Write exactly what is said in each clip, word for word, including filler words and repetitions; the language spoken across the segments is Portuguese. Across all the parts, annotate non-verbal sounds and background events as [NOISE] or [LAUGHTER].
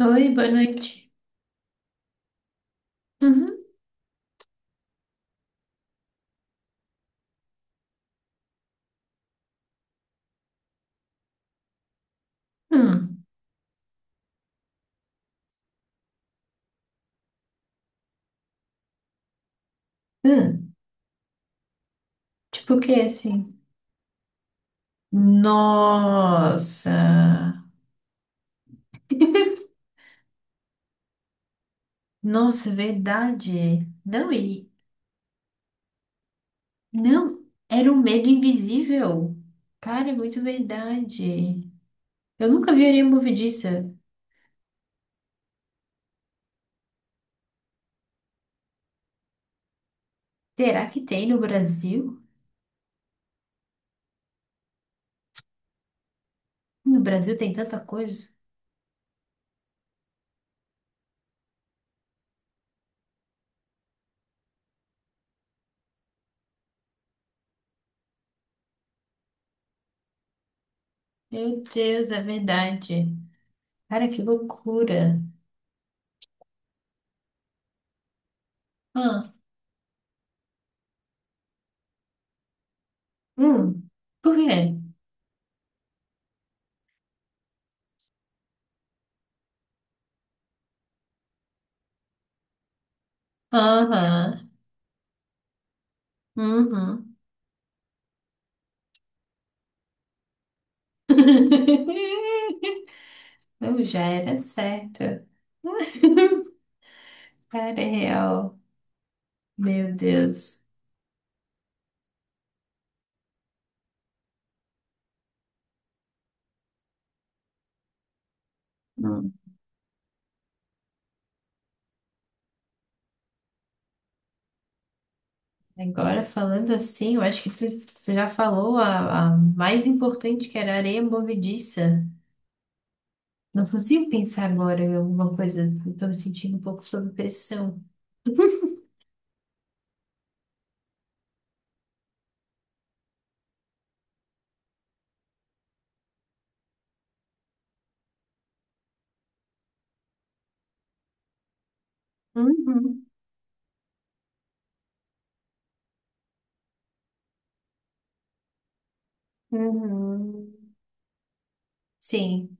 Oi, boa noite. Uhum. Hum. Hum. Tipo o que, assim? Nossa. [LAUGHS] Nossa, é verdade. Não, e... Não, era um medo invisível. Cara, é muito verdade. Eu nunca vi areia movediça. Será que tem no Brasil? No Brasil tem tanta coisa. Meu Deus, é verdade. Cara, que loucura. Ah, hum. Por quê? Aham. Uhum. [LAUGHS] Eu já era certa. [LAUGHS] Cara, é real. Meu Deus. Hum. Agora, falando assim, eu acho que tu já falou a, a mais importante, que era a areia movediça. Não consigo pensar agora em alguma coisa. Estou me sentindo um pouco sob pressão. Uhum. Uhum. Sim.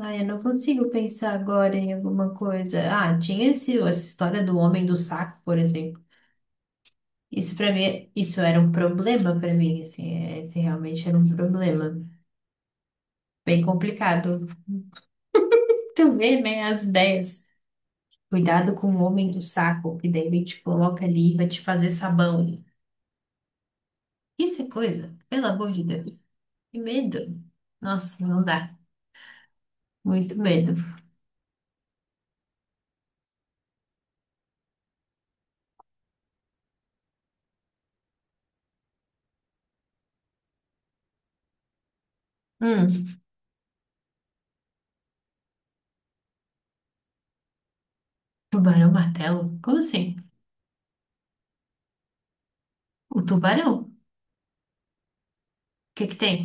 Ah, eu não consigo pensar agora em alguma coisa. Ah, tinha esse, essa história do homem do saco, por exemplo. Isso para mim, isso era um problema para mim, assim, é, esse realmente era um problema. Bem complicado. Tu vê, né, as ideias. Cuidado com o homem do saco, que daí ele te coloca ali e vai te fazer sabão. Isso é coisa, pelo amor de Deus. Que medo. Nossa, não dá. Muito medo. Hum, tubarão martelo? Como assim? O tubarão? O que que tem?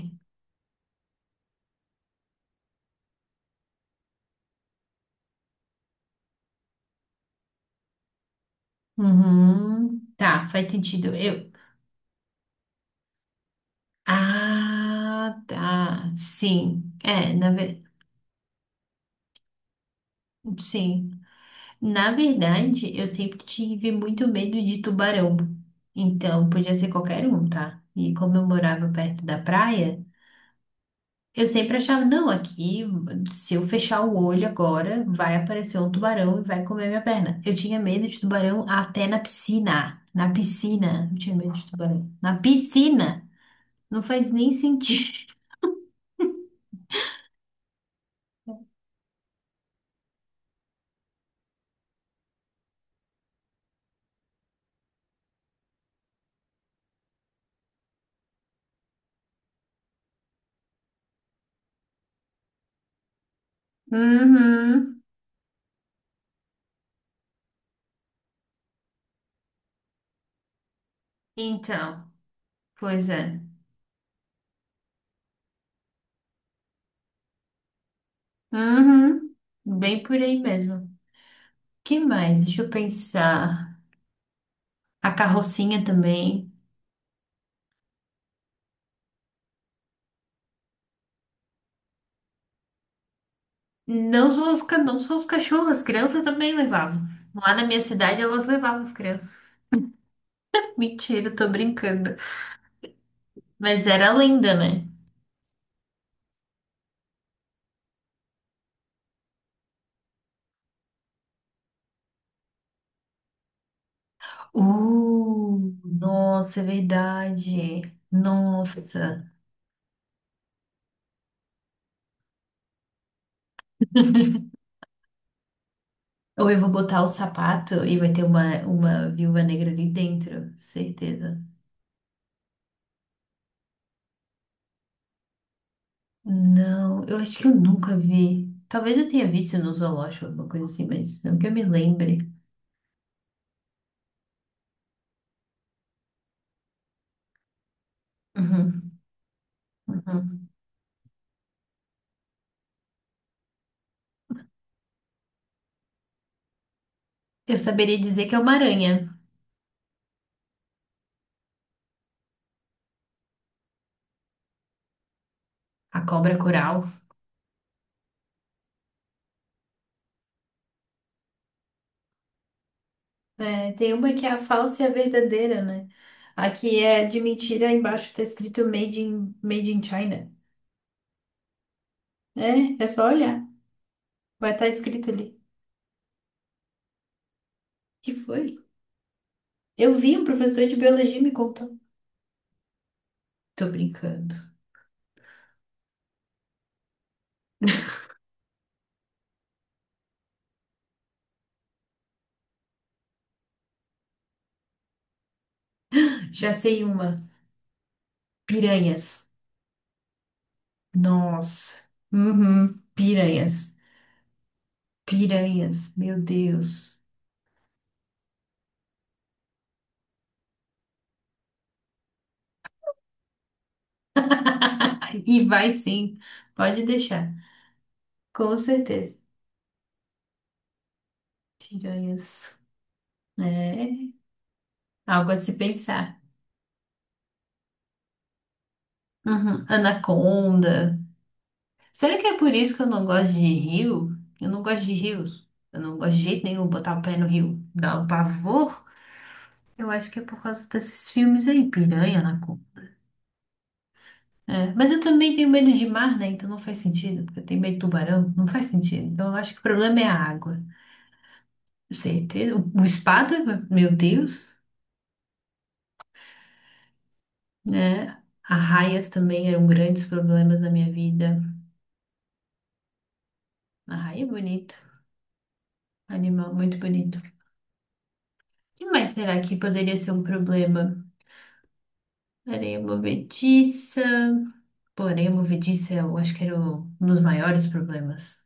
Uhum. Tá, faz sentido. Eu. Ah, tá. Sim. É, na verdade. Sim. Na verdade, eu sempre tive muito medo de tubarão. Então, podia ser qualquer um, tá? E como eu morava perto da praia, eu sempre achava, não, aqui, se eu fechar o olho agora, vai aparecer um tubarão e vai comer minha perna. Eu tinha medo de tubarão até na piscina. Na piscina, eu tinha medo de tubarão. Na piscina! Não faz nem sentido. [LAUGHS] Uhum. Então, pois é. Uhum. Bem por aí mesmo. Que mais? Deixa eu pensar. A carrocinha também. Não só os, ca- não só os cachorros, as crianças também levavam. Lá na minha cidade elas levavam as crianças. [LAUGHS] Mentira, tô brincando. Mas era linda, né? Uh, nossa, é verdade. Nossa. Ou eu vou botar o sapato e vai ter uma, uma viúva negra ali dentro, certeza. Não, eu acho que eu nunca vi. Talvez eu tenha visto no zoológico, alguma coisa assim, mas não que eu me lembre. Uhum, uhum. Eu saberia dizer que é uma aranha. A cobra coral. É, tem uma que é a falsa e a verdadeira, né? A que é de mentira, embaixo tá escrito Made in, Made in China. É, é só olhar. Vai estar escrito ali. Que foi? Eu vi, um professor de biologia me contou. Tô brincando. Já sei uma. Piranhas. Nossa. Uhum. Piranhas. Piranhas. Meu Deus. Ai, e vai sim. Pode deixar. Com certeza. Piranhas. É algo a se pensar. Uhum. Anaconda. Será que é por isso que eu não gosto de rio? Eu não gosto de rios. Eu não gosto de jeito nenhum botar o pé no rio. Dá um pavor. Eu acho que é por causa desses filmes aí, piranha, anaconda. É, mas eu também tenho medo de mar, né? Então não faz sentido, porque eu tenho medo de tubarão, não faz sentido. Então eu acho que o problema é a água. Certeza. O, o espada, meu Deus, né? Arraias também eram grandes problemas na minha vida. Arraia é bonito, animal muito bonito. O que mais será que poderia ser um problema? Areia movediça. Pô, areia movediça, eu acho que era o- um dos maiores problemas.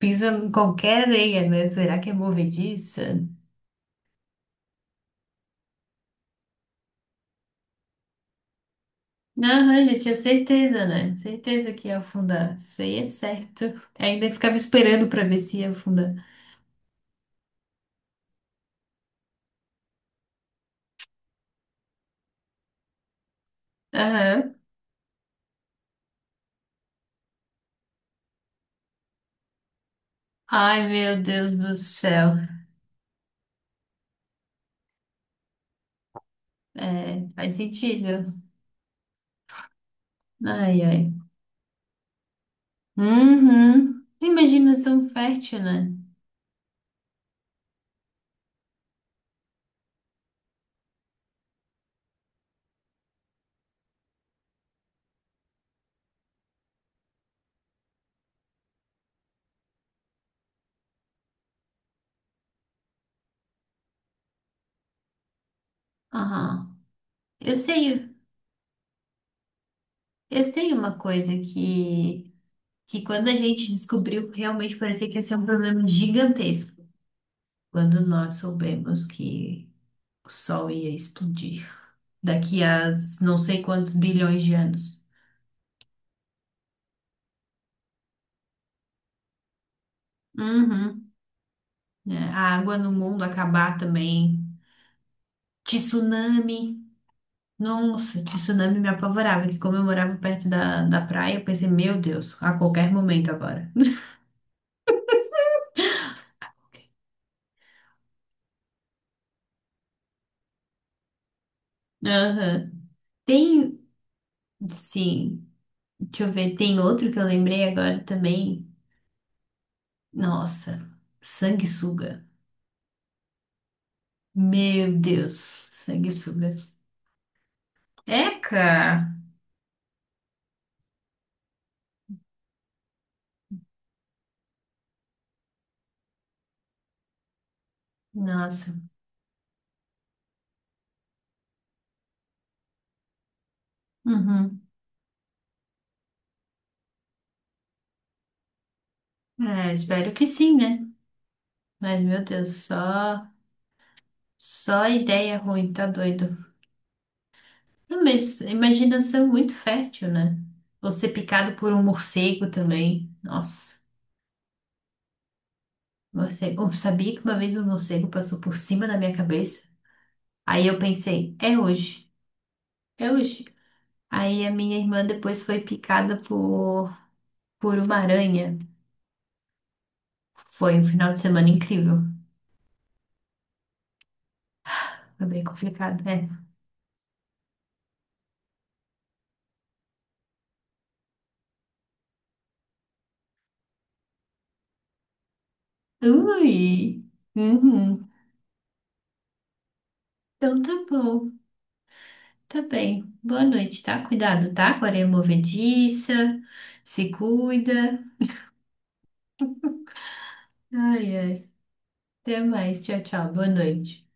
Pisa em qualquer areia, né? Será que é movediça? Aham, já tinha certeza, né? Certeza que ia afundar. Isso aí é certo. Ainda ficava esperando pra ver se ia afundar. Aham. Ai, meu Deus do céu. É, faz sentido. Ai, ai. Uhum. Imaginação fértil, né? Aham. Eu sei. Eu sei uma coisa que, que quando a gente descobriu, realmente parecia que ia ser um problema gigantesco. Quando nós soubemos que o Sol ia explodir daqui a não sei quantos bilhões de anos. Uhum. É, a água no mundo acabar também. Tsunami. Nossa, tsunami me apavorava, que como eu morava perto da, da praia, eu pensei, meu Deus, a qualquer momento agora. Aham. Tem, sim. Deixa eu ver, tem outro que eu lembrei agora também. Nossa, sanguessuga. Meu Deus, sanguessuga. Eca! Nossa. Uhum. É, espero que sim, né? Mas, meu Deus, só, só ideia ruim, tá doido. Não, mas imaginação muito fértil, né? Ou ser picado por um morcego também. Nossa, morcego. Eu sabia que uma vez um morcego passou por cima da minha cabeça. Aí eu pensei, é hoje. É hoje. Aí a minha irmã depois foi picada por, por uma aranha. Foi um final de semana incrível. Foi bem complicado, né? Ui! Uhum. Então tá bom. Tá bem. Boa noite, tá? Cuidado, tá? Com a areia movediça. Se cuida. Ai, ai. Até mais. Tchau, tchau. Boa noite.